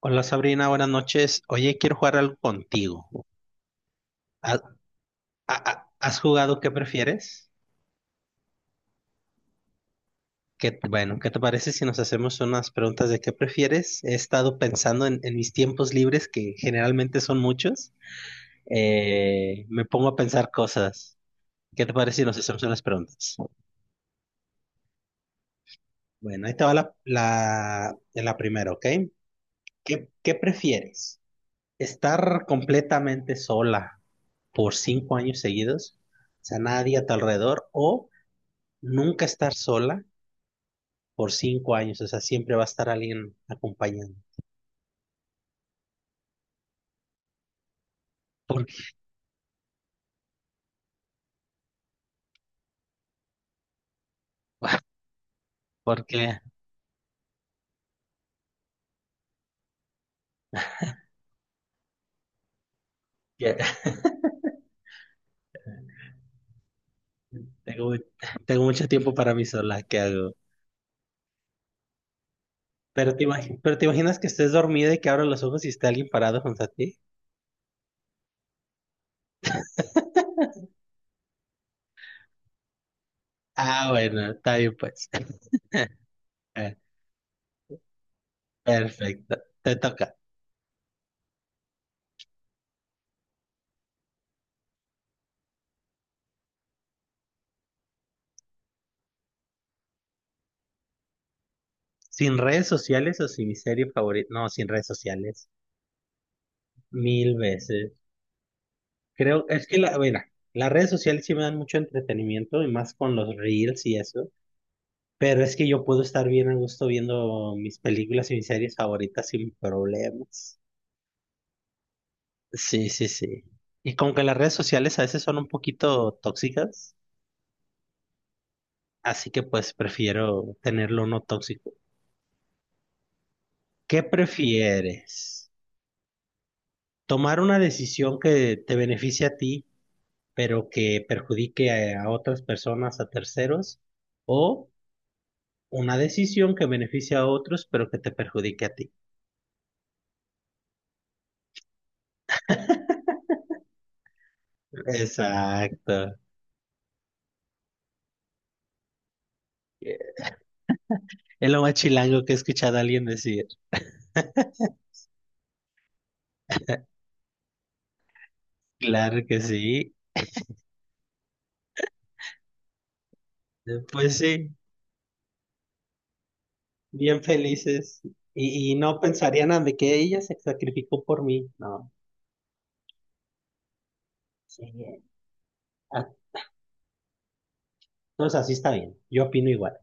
Hola Sabrina, buenas noches. Oye, quiero jugar algo contigo. ¿Ha- ¿Has jugado qué prefieres? Bueno, ¿qué te parece si nos hacemos unas preguntas de qué prefieres? He estado pensando en mis tiempos libres, que generalmente son muchos. Me pongo a pensar cosas. ¿Qué te parece si nos hacemos unas preguntas? Bueno, ahí te va la primera, ¿ok? ¿Qué prefieres? ¿Estar completamente sola por 5 años seguidos? O sea, nadie a tu alrededor o nunca estar sola por 5 años, o sea, siempre va a estar alguien acompañando. Porque, porque ya tengo, tengo mucho tiempo para mí sola, ¿qué hago? Pero te imaginas que estés dormida y que abras los ojos y esté alguien parado junto a ti. Ah, bueno, está bien pues. Eh, Perfecto, te toca. Sin redes sociales o sin mi serie favorita. No, sin redes sociales. 1,000 veces. Creo, es que mira, las redes sociales sí me dan mucho entretenimiento y más con los reels y eso. Pero es que yo puedo estar bien a gusto viendo mis películas y mis series favoritas sin problemas. Sí, sí, sí. Y como que las redes sociales a veces son un poquito tóxicas, así que pues prefiero tenerlo no tóxico. ¿Qué prefieres? ¿Tomar una decisión que te beneficie a ti, pero que perjudique a otras personas, a terceros? ¿O una decisión que beneficie a otros, pero que te perjudique a ti? Exacto. Es lo más chilango que he escuchado a alguien decir. Claro que sí. Pues sí, bien felices. Y no pensarían nada de que ella se sacrificó por mí. No. Sí. Ah, Entonces así está bien. Yo opino igual.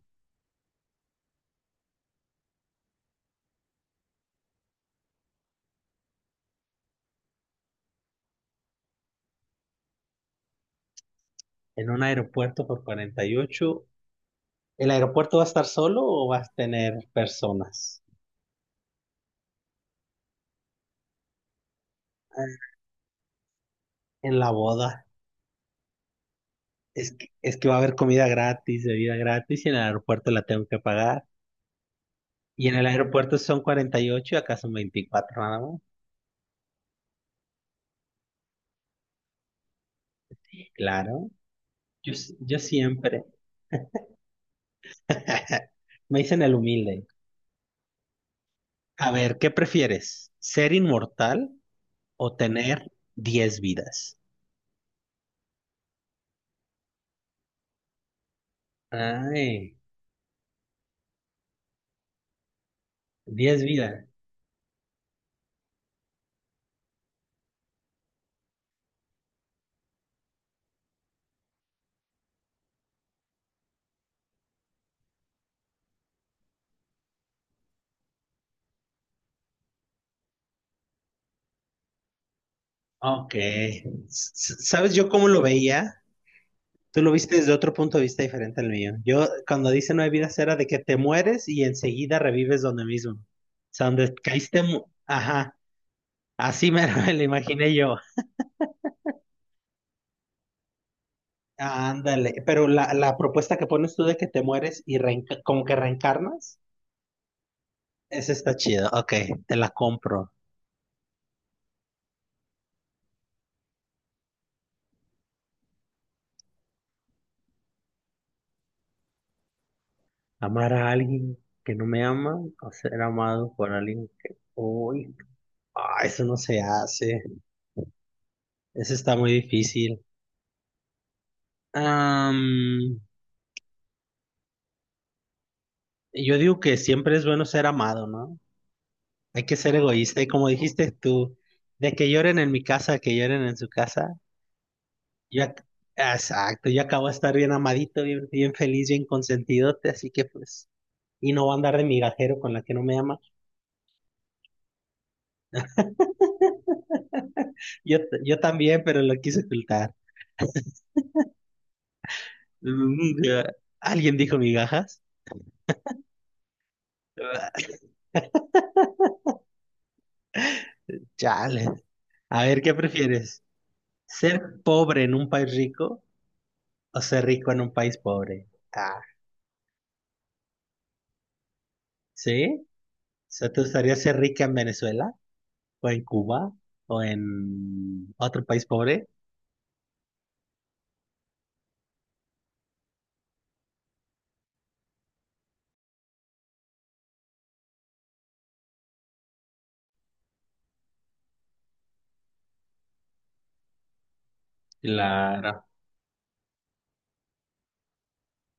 En un aeropuerto por 48. ¿El aeropuerto va a estar solo o vas a tener personas? Ah, en la boda. Es que va a haber comida gratis, bebida gratis, y en el aeropuerto la tengo que pagar. Y en el aeropuerto son 48 y acá son 24 nada más. Claro. Yo siempre. Me dicen el humilde. A ver, ¿qué prefieres? ¿Ser inmortal o tener 10 vidas? Ay, 10 vidas. Ok. ¿Sabes yo cómo lo veía? Tú lo viste desde otro punto de vista diferente al mío. Yo, cuando dice no hay vidas, era de que te mueres y enseguida revives donde mismo. O sea, donde caíste. Ajá. Así me me lo imaginé yo. Ándale. Pero la propuesta que pones tú de que te mueres y como que reencarnas. Esa está chida. Ok, te la compro. Amar a alguien que no me ama o ser amado por alguien que... Uy, eso no se hace. Eso está muy difícil. Am, yo digo que siempre es bueno ser amado, ¿no? Hay que ser egoísta. Y como dijiste tú, de que lloren en mi casa, que lloren en su casa. Yo, ac- exacto, yo acabo de estar bien amadito, bien, bien feliz, bien consentidote, así que pues... Y no voy a andar de migajero con la que no me ama. Yo también, pero lo quise ocultar. Mm, ya. ¿Alguien dijo migajas? Ah, Chale. A ver, ¿qué prefieres? ¿Ser pobre en un país rico o ser rico en un país pobre? Ah, ¿sí? O sea, ¿te gustaría ser rica en Venezuela o en Cuba o en otro país pobre? Claro.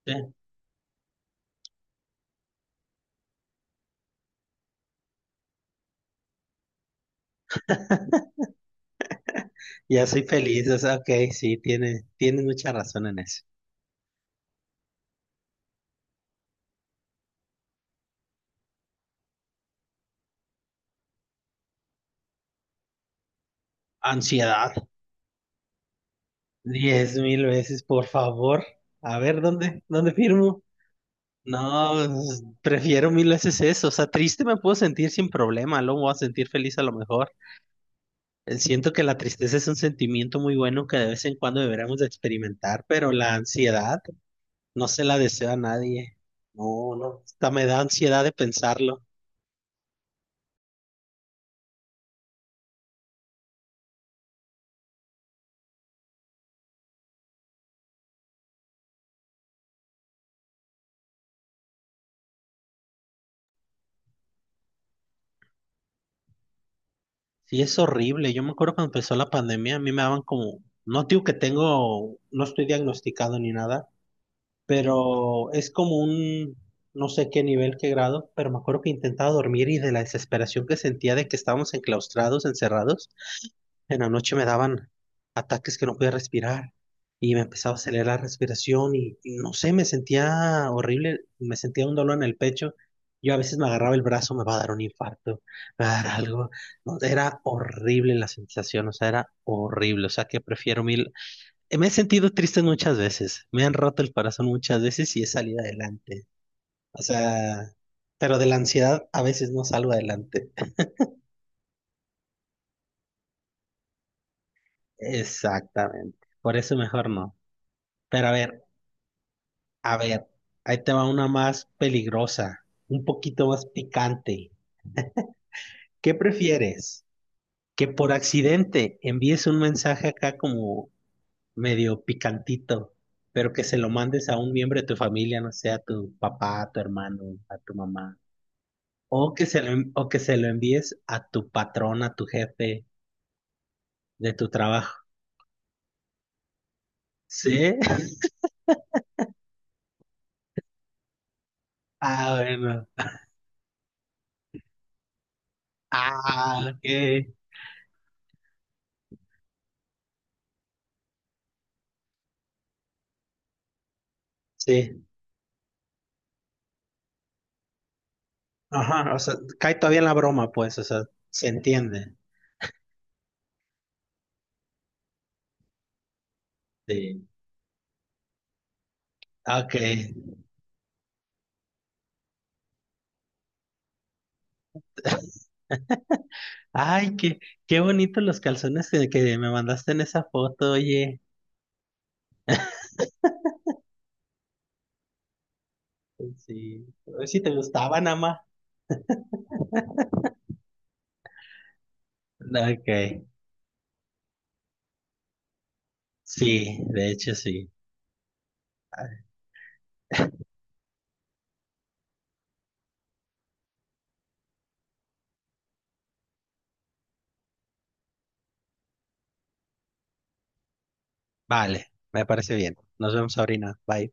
Sí. Ya soy feliz, o sea, ok, sí, tienes mucha razón en eso. Ansiedad. 10,000 veces, por favor. A ver, ¿dónde firmo? No, pues, prefiero 1,000 veces eso. O sea, triste me puedo sentir sin problema, luego me voy a sentir feliz a lo mejor. Siento que la tristeza es un sentimiento muy bueno que de vez en cuando deberíamos de experimentar, pero la ansiedad no se la deseo a nadie. No, no, hasta me da ansiedad de pensarlo. Sí, es horrible. Yo me acuerdo cuando empezó la pandemia, a mí me daban como, no digo que tengo, no estoy diagnosticado ni nada, pero es como un, no sé qué nivel, qué grado, pero me acuerdo que intentaba dormir y de la desesperación que sentía de que estábamos enclaustrados, encerrados, en la noche me daban ataques que no podía respirar y me empezaba a acelerar la respiración y no sé, me sentía horrible, me sentía un dolor en el pecho. Yo a veces me agarraba el brazo, me va a dar un infarto, me va a dar algo. No, era horrible la sensación, o sea, era horrible. O sea, que prefiero mil me he sentido triste muchas veces, me han roto el corazón muchas veces y he salido adelante. O sea, pero de la ansiedad a veces no salgo adelante. Exactamente, por eso mejor no. Pero a ver, ahí te va una más peligrosa, un poquito más picante. ¿Qué prefieres? Que por accidente envíes un mensaje acá como medio picantito, pero que se lo mandes a un miembro de tu familia, no sé, a tu papá, a tu hermano, a tu mamá. O que se lo envíes a tu patrón, a tu jefe de tu trabajo. ¿Sí? Ah, bueno. Ah, ok. Sí. Ajá, o sea, cae todavía en la broma, pues, o sea, se entiende. Sí. Ok. Ay, qué bonitos los calzones que me mandaste en esa foto, oye. Sí. A ver si te gustaban, ama. Ok. Sí, de hecho sí. Vale, me parece bien. Nos vemos, Sabrina. Bye.